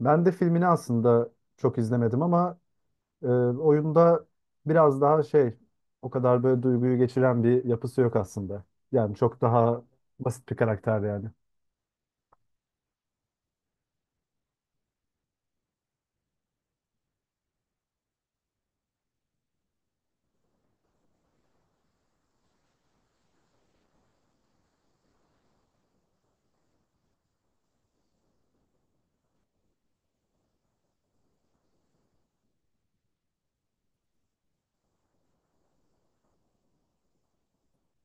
Ben de filmini aslında çok izlemedim ama oyunda biraz daha şey o kadar böyle duyguyu geçiren bir yapısı yok aslında. Yani çok daha basit bir karakter yani.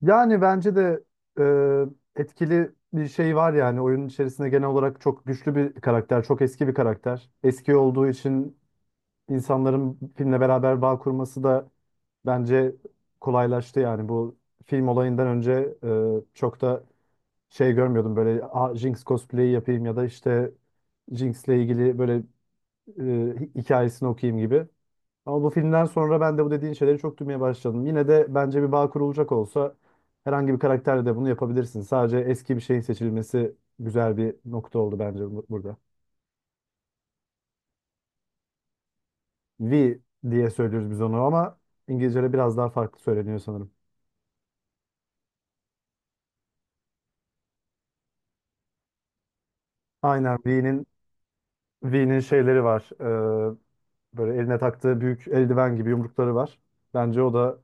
Yani bence de etkili bir şey var yani oyunun içerisinde genel olarak çok güçlü bir karakter, çok eski bir karakter. Eski olduğu için insanların filmle beraber bağ kurması da bence kolaylaştı yani bu film olayından önce çok da şey görmüyordum böyle "Aa, Jinx cosplay'i yapayım ya da işte Jinx'le ilgili böyle e, hikayesini okuyayım" gibi. Ama bu filmden sonra ben de bu dediğin şeyleri çok duymaya başladım. Yine de bence bir bağ kurulacak olsa herhangi bir karakterle de bunu yapabilirsin. Sadece eski bir şeyin seçilmesi güzel bir nokta oldu bence burada. V diye söylüyoruz biz onu ama İngilizce'de biraz daha farklı söyleniyor sanırım. Aynen V'nin şeyleri var. Böyle eline taktığı büyük eldiven gibi yumrukları var. Bence o da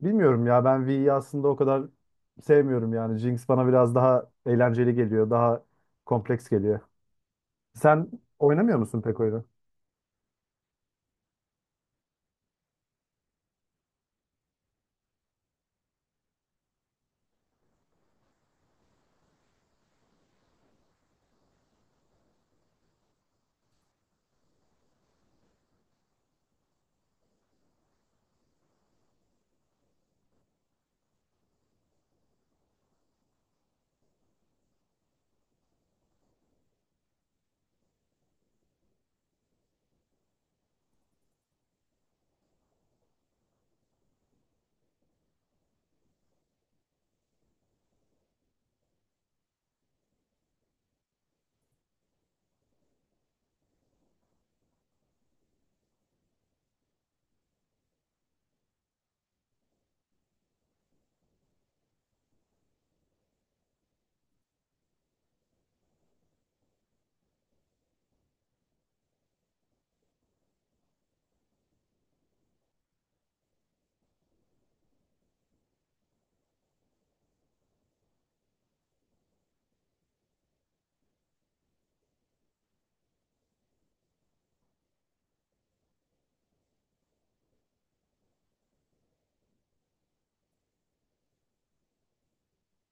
Bilmiyorum ya, ben V'yi aslında o kadar sevmiyorum yani. Jinx bana biraz daha eğlenceli geliyor, daha kompleks geliyor. Sen oynamıyor musun pek oyunu?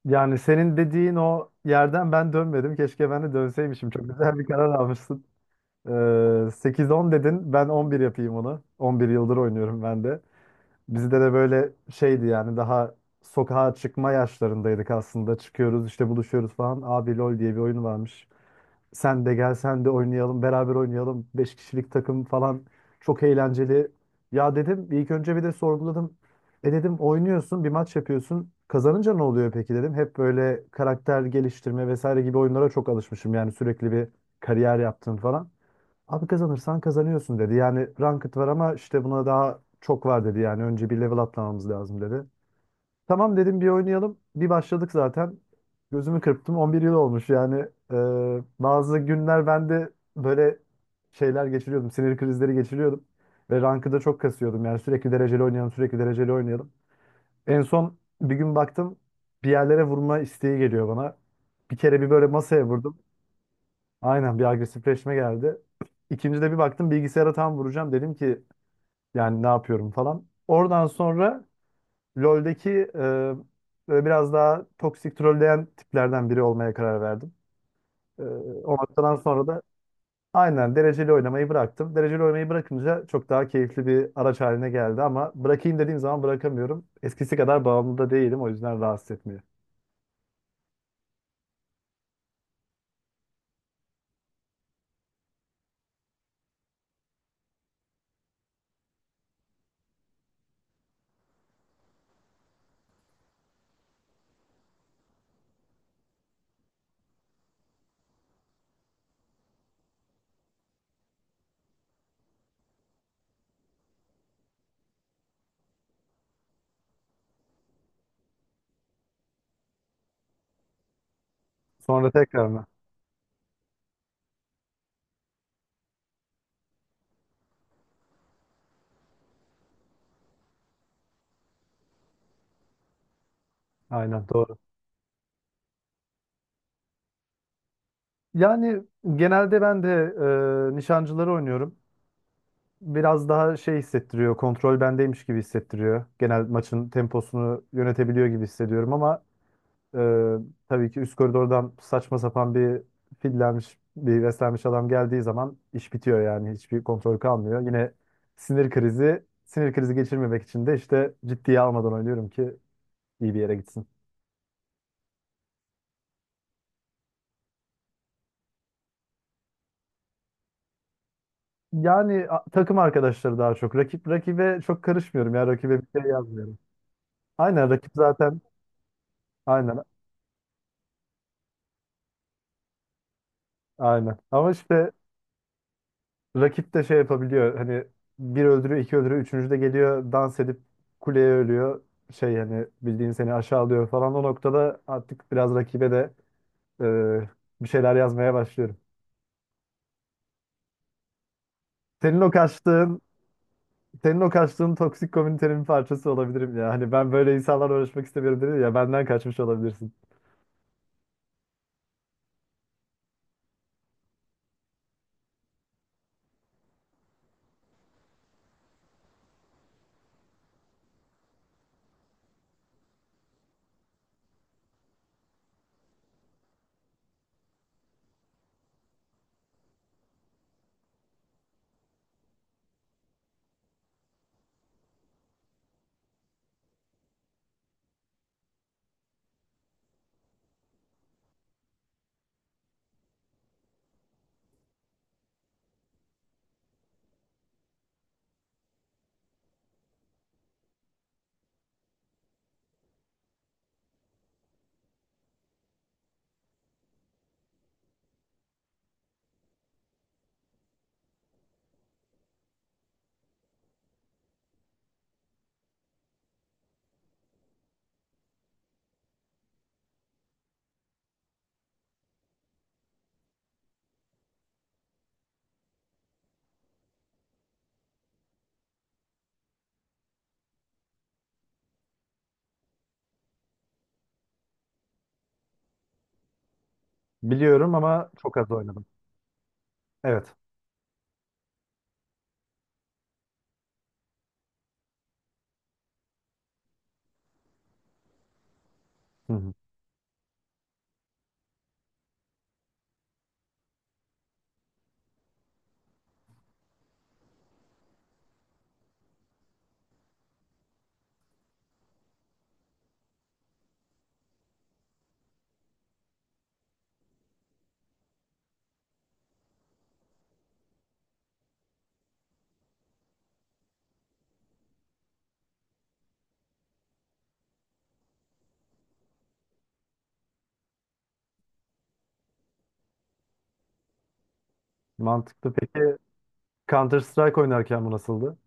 Yani senin dediğin o yerden ben dönmedim. Keşke ben de dönseymişim. Çok güzel bir karar almışsın. 8-10 dedin. Ben 11 yapayım onu. 11 yıldır oynuyorum ben de. Bizde de böyle şeydi yani daha sokağa çıkma yaşlarındaydık aslında. Çıkıyoruz işte, buluşuyoruz falan. Abi LOL diye bir oyun varmış. Sen de gel, sen de oynayalım, beraber oynayalım. Beş kişilik takım falan, çok eğlenceli. Ya dedim ilk önce bir de sorguladım. E dedim, oynuyorsun bir maç yapıyorsun. Kazanınca ne oluyor peki dedim. Hep böyle karakter geliştirme vesaire gibi oyunlara çok alışmışım. Yani sürekli bir kariyer yaptım falan. Abi kazanırsan kazanıyorsun dedi. Yani ranked var ama işte buna daha çok var dedi. Yani önce bir level atlamamız lazım dedi. Tamam dedim, bir oynayalım. Bir başladık zaten. Gözümü kırptım, 11 yıl olmuş yani. Bazı günler ben de böyle şeyler geçiriyordum. Sinir krizleri geçiriyordum. Ve rankı da çok kasıyordum. Yani sürekli dereceli oynayalım, sürekli dereceli oynayalım. En son bir gün baktım bir yerlere vurma isteği geliyor bana. Bir kere bir böyle masaya vurdum. Aynen, bir agresifleşme geldi. İkinci de bir baktım bilgisayara tam vuracağım. Dedim ki yani ne yapıyorum falan. Oradan sonra LoL'deki böyle biraz daha toksik, trolleyen tiplerden biri olmaya karar verdim. E, O noktadan sonra da aynen dereceli oynamayı bıraktım. Dereceli oynamayı bırakınca çok daha keyifli bir araç haline geldi ama bırakayım dediğim zaman bırakamıyorum. Eskisi kadar bağımlı da değilim, o yüzden rahatsız etmiyor. Sonra tekrar mı? Aynen doğru. Yani genelde ben de nişancıları oynuyorum. Biraz daha şey hissettiriyor, kontrol bendeymiş gibi hissettiriyor. Genel maçın temposunu yönetebiliyor gibi hissediyorum ama Ee, tabii ki üst koridordan saçma sapan bir fillenmiş, bir beslenmiş adam geldiği zaman iş bitiyor yani. Hiçbir kontrol kalmıyor. Yine sinir krizi geçirmemek için de işte ciddiye almadan oynuyorum ki iyi bir yere gitsin. Yani takım arkadaşları daha çok. Rakip rakibe çok karışmıyorum ya. Rakibe bir şey yazmıyorum. Aynen, rakip zaten. Aynen. Aynen. Ama işte. Rakip de şey yapabiliyor. Hani bir öldürüyor, iki öldürüyor, üçüncü de geliyor dans edip kuleye ölüyor. Şey, hani bildiğin seni aşağılıyor falan. O noktada artık biraz rakibe de e, bir şeyler yazmaya başlıyorum. Senin o kaçtığın, senin o kaçtığın toksik komünitenin bir parçası olabilirim ya. Hani ben böyle insanlarla uğraşmak istemiyorum dedi ya, benden kaçmış olabilirsin. Biliyorum ama çok az oynadım. Evet. Hı hı. Mantıklı. Peki Counter Strike oynarken bu nasıldı?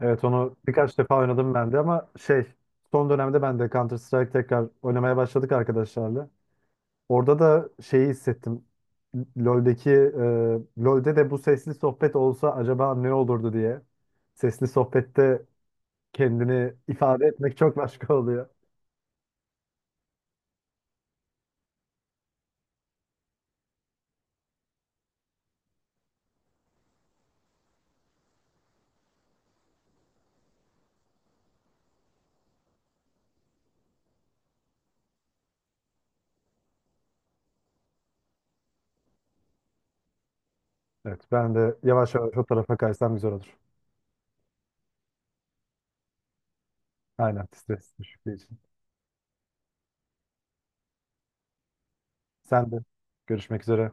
Evet, onu birkaç defa oynadım ben de ama şey, son dönemde ben de Counter Strike tekrar oynamaya başladık arkadaşlarla. Orada da şeyi hissettim. LoL'de de bu sesli sohbet olsa acaba ne olurdu diye. Sesli sohbette kendini ifade etmek çok başka oluyor. Evet, ben de yavaş yavaş o tarafa kaysam güzel olur. Aynen, stres düşüklüğü için. Sen de görüşmek üzere.